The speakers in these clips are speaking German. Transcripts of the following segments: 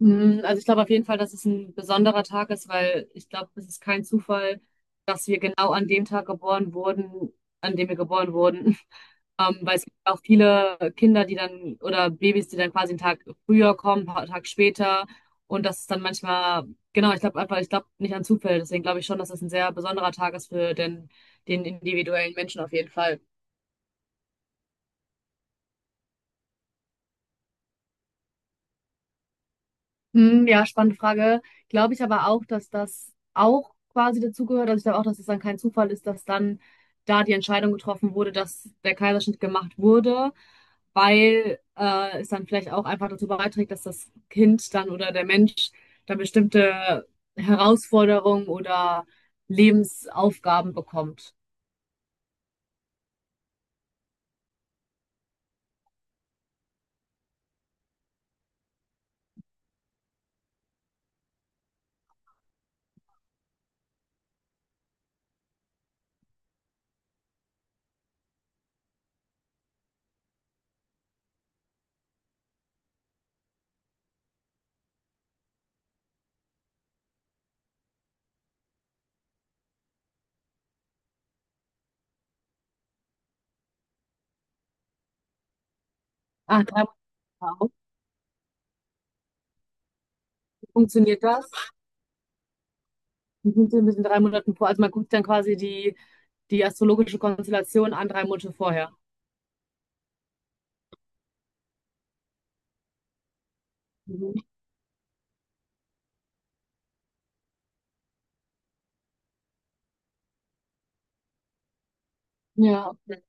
Also ich glaube auf jeden Fall, dass es ein besonderer Tag ist, weil ich glaube, es ist kein Zufall, dass wir genau an dem Tag geboren wurden, an dem wir geboren wurden. Weil es gibt auch viele Kinder, die dann, oder Babys, die dann quasi einen Tag früher kommen, ein paar Tage später. Und das ist dann manchmal, genau, ich glaube einfach, ich glaube nicht an Zufälle. Deswegen glaube ich schon, dass es ein sehr besonderer Tag ist für den, den individuellen Menschen auf jeden Fall. Hm, ja, spannende Frage. Glaube ich aber auch, dass das auch quasi dazugehört. Also ich glaube auch, dass es dann kein Zufall ist, dass dann da die Entscheidung getroffen wurde, dass der Kaiserschnitt gemacht wurde, weil es dann vielleicht auch einfach dazu beiträgt, dass das Kind dann oder der Mensch dann bestimmte Herausforderungen oder Lebensaufgaben bekommt. Ach, drei Monate auch. Wie funktioniert das? Wie funktioniert das in drei Monaten vor? Also man guckt dann quasi die, die astrologische Konstellation an drei Monate vorher. Ja, auf jeden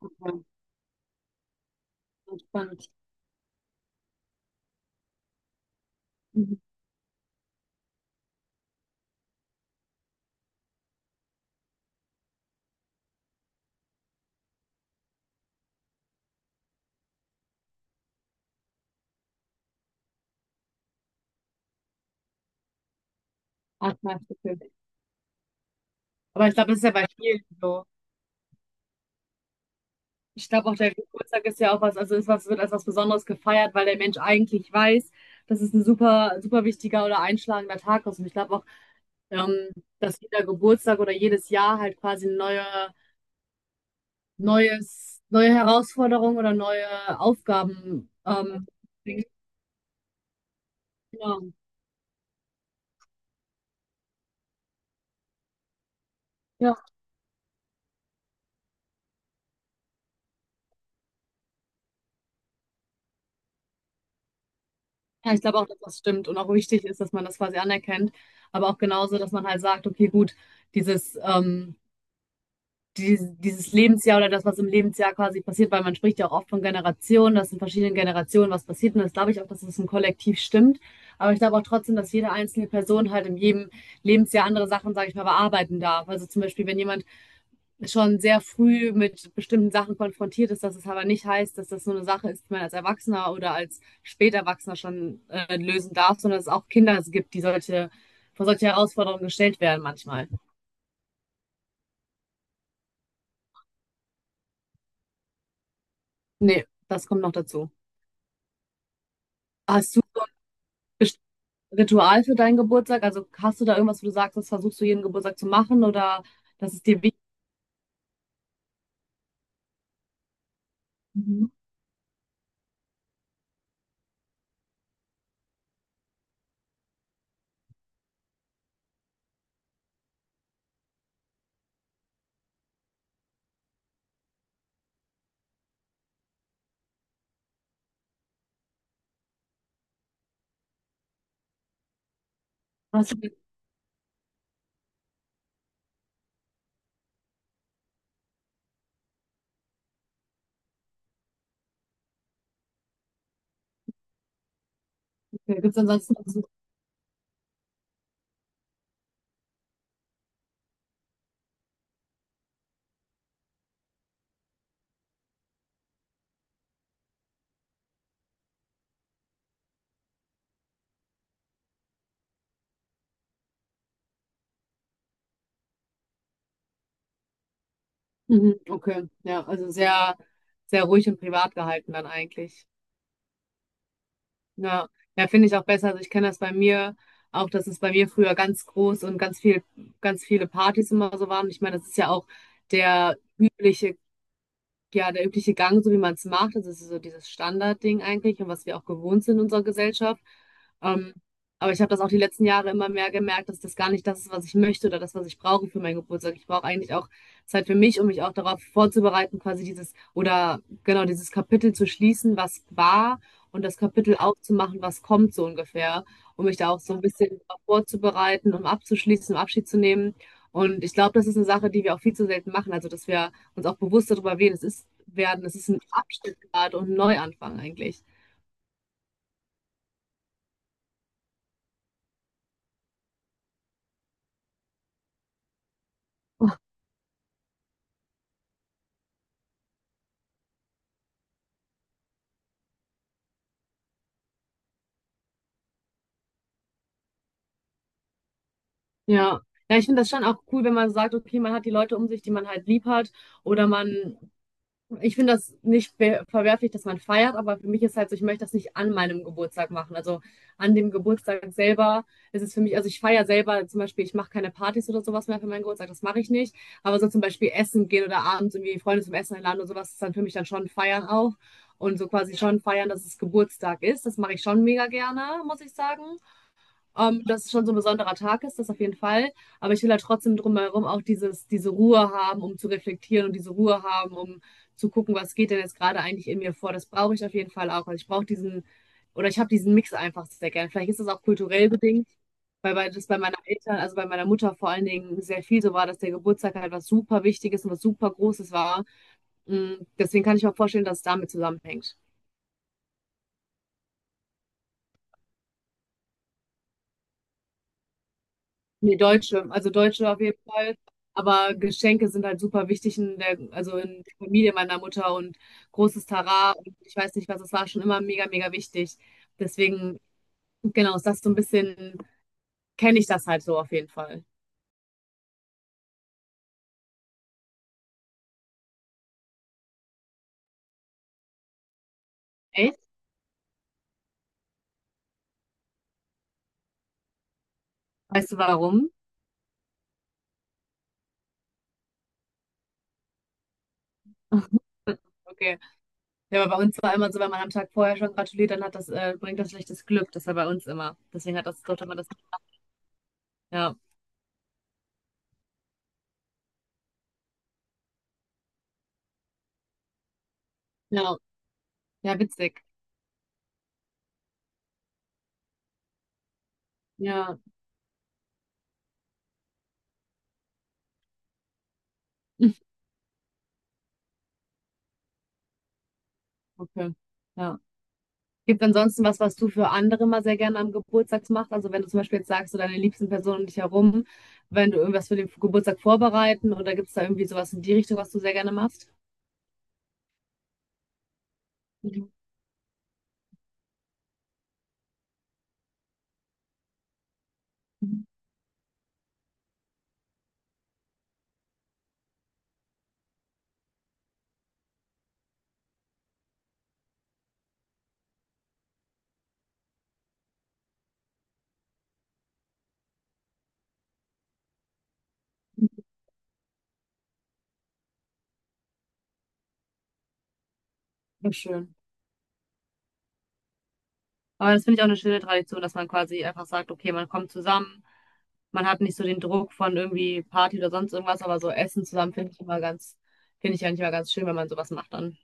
Fall. Entspannt. Mhm. Atmen. Aber ich glaube, das ist ja bei vielen so. Ich glaube auch, der Geburtstag ist ja auch was, also ist was, wird als was Besonderes gefeiert, weil der Mensch eigentlich weiß, dass es ein super, super wichtiger oder einschlagender Tag ist. Und ich glaube auch, ähm, dass jeder Geburtstag oder jedes Jahr halt quasi eine neue Herausforderung oder neue Aufgaben, bringt. Genau. Ja. Ja, ich glaube auch, dass das stimmt und auch wichtig ist, dass man das quasi anerkennt, aber auch genauso, dass man halt sagt, okay, gut, dieses, ähm, dieses Lebensjahr oder das, was im Lebensjahr quasi passiert, weil man spricht ja auch oft von Generationen, dass in verschiedenen Generationen was passiert und das glaube ich auch, dass es im Kollektiv stimmt, aber ich glaube auch trotzdem, dass jede einzelne Person halt in jedem Lebensjahr andere Sachen, sage ich mal, bearbeiten darf. Also zum Beispiel, wenn jemand schon sehr früh mit bestimmten Sachen konfrontiert ist, dass es aber nicht heißt, dass das nur eine Sache ist, die man als Erwachsener oder als Späterwachsener schon lösen darf, sondern dass es auch Kinder gibt, die solche, vor solche Herausforderungen gestellt werden manchmal. Das kommt noch dazu. Hast du ein Ritual für deinen Geburtstag? Also hast du da irgendwas, wo du sagst, das versuchst du jeden Geburtstag zu machen oder das ist dir wichtig? Mhm. Hast du, okay. Gibt es ansonsten? Mhm. Okay, ja, also sehr, sehr ruhig und privat gehalten dann eigentlich. Ja, ja, finde ich auch besser. Also ich kenne das bei mir auch, dass es bei mir früher ganz groß und ganz viel, ganz viele Partys immer so waren. Ich meine, das ist ja auch der übliche Gang, so wie man es macht, das ist so dieses Standardding eigentlich und was wir auch gewohnt sind in unserer Gesellschaft. Ähm, aber ich habe das auch die letzten Jahre immer mehr gemerkt, dass das gar nicht das ist, was ich möchte oder das, was ich brauche für meinen Geburtstag. Ich brauche eigentlich auch Zeit für mich, um mich auch darauf vorzubereiten, quasi dieses oder genau dieses Kapitel zu schließen, was war und das Kapitel aufzumachen, was kommt so ungefähr, um mich da auch so ein bisschen drauf vorzubereiten, um abzuschließen, um Abschied zu nehmen. Und ich glaube, das ist eine Sache, die wir auch viel zu selten machen. Also, dass wir uns auch bewusst darüber werden. Es ist werden, es ist ein Abschnitt gerade und ein Neuanfang eigentlich. Ja. Ja, ich finde das schon auch cool, wenn man sagt, okay, man hat die Leute um sich, die man halt lieb hat, oder man ich finde das nicht be- verwerflich, dass man feiert, aber für mich ist halt so, ich möchte das nicht an meinem Geburtstag machen. Also an dem Geburtstag selber ist es für mich, also ich feiere selber zum Beispiel, ich mache keine Partys oder sowas mehr für meinen Geburtstag, das mache ich nicht. Aber so zum Beispiel essen gehen oder abends irgendwie Freunde zum Essen einladen oder sowas, ist dann für mich dann schon feiern auch. Und so quasi schon feiern, dass es Geburtstag ist. Das mache ich schon mega gerne, muss ich sagen. Dass es schon so ein besonderer Tag ist, das auf jeden Fall. Aber ich will halt trotzdem drumherum auch dieses, diese Ruhe haben, um zu reflektieren und diese Ruhe haben, um zu gucken, was geht denn jetzt gerade eigentlich in mir vor. Das brauche ich auf jeden Fall auch. Also ich brauche diesen, oder ich habe diesen Mix einfach sehr gern. Vielleicht ist das auch kulturell bedingt, weil bei, das bei meinen Eltern, also bei meiner Mutter vor allen Dingen sehr viel so war, dass der Geburtstag halt was super Wichtiges und was super Großes war. Deswegen kann ich mir auch vorstellen, dass es damit zusammenhängt. Nee, Deutsche, also Deutsche auf jeden Fall. Aber Geschenke sind halt super wichtig in der, also in der Familie meiner Mutter und großes Tara und ich weiß nicht was, es war schon immer mega, mega wichtig. Deswegen, genau, ist das so ein bisschen, kenne ich das halt so auf jeden Fall. Echt? Weißt du warum? Okay. Ja, aber bei uns war immer so, wenn man am Tag vorher schon gratuliert, dann hat das, bringt das schlechtes Glück. Das war bei uns immer. Deswegen hat das dort immer das. Ja. Ja. Ja, witzig. Ja. Okay. Ja. Gibt es ansonsten was, was du für andere mal sehr gerne am Geburtstag machst? Also wenn du zum Beispiel jetzt sagst, so deine liebsten Personen um dich herum, wenn du irgendwas für den Geburtstag vorbereiten oder gibt es da irgendwie sowas in die Richtung, was du sehr gerne machst? Mhm. Ja, schön. Aber das finde ich auch eine schöne Tradition, dass man quasi einfach sagt, okay, man kommt zusammen, man hat nicht so den Druck von irgendwie Party oder sonst irgendwas, aber so Essen zusammen finde ich immer ganz, finde ich eigentlich immer ganz schön, wenn man sowas macht dann.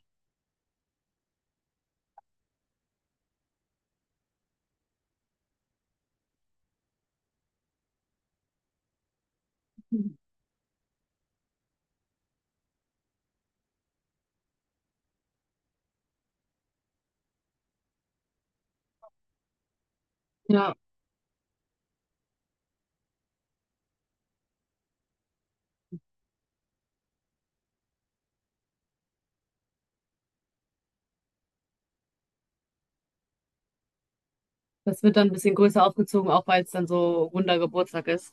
Mhm. Ja, das wird dann ein bisschen größer aufgezogen, auch weil es dann so runder Geburtstag ist.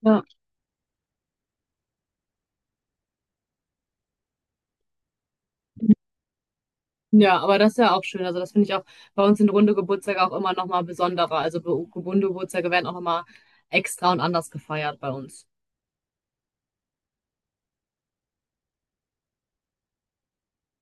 Ja. Ja, aber das ist ja auch schön. Also das finde ich auch bei uns sind runde Geburtstage auch immer nochmal besonderer. Also be- runde Geburtstage werden auch nochmal extra und anders gefeiert bei uns.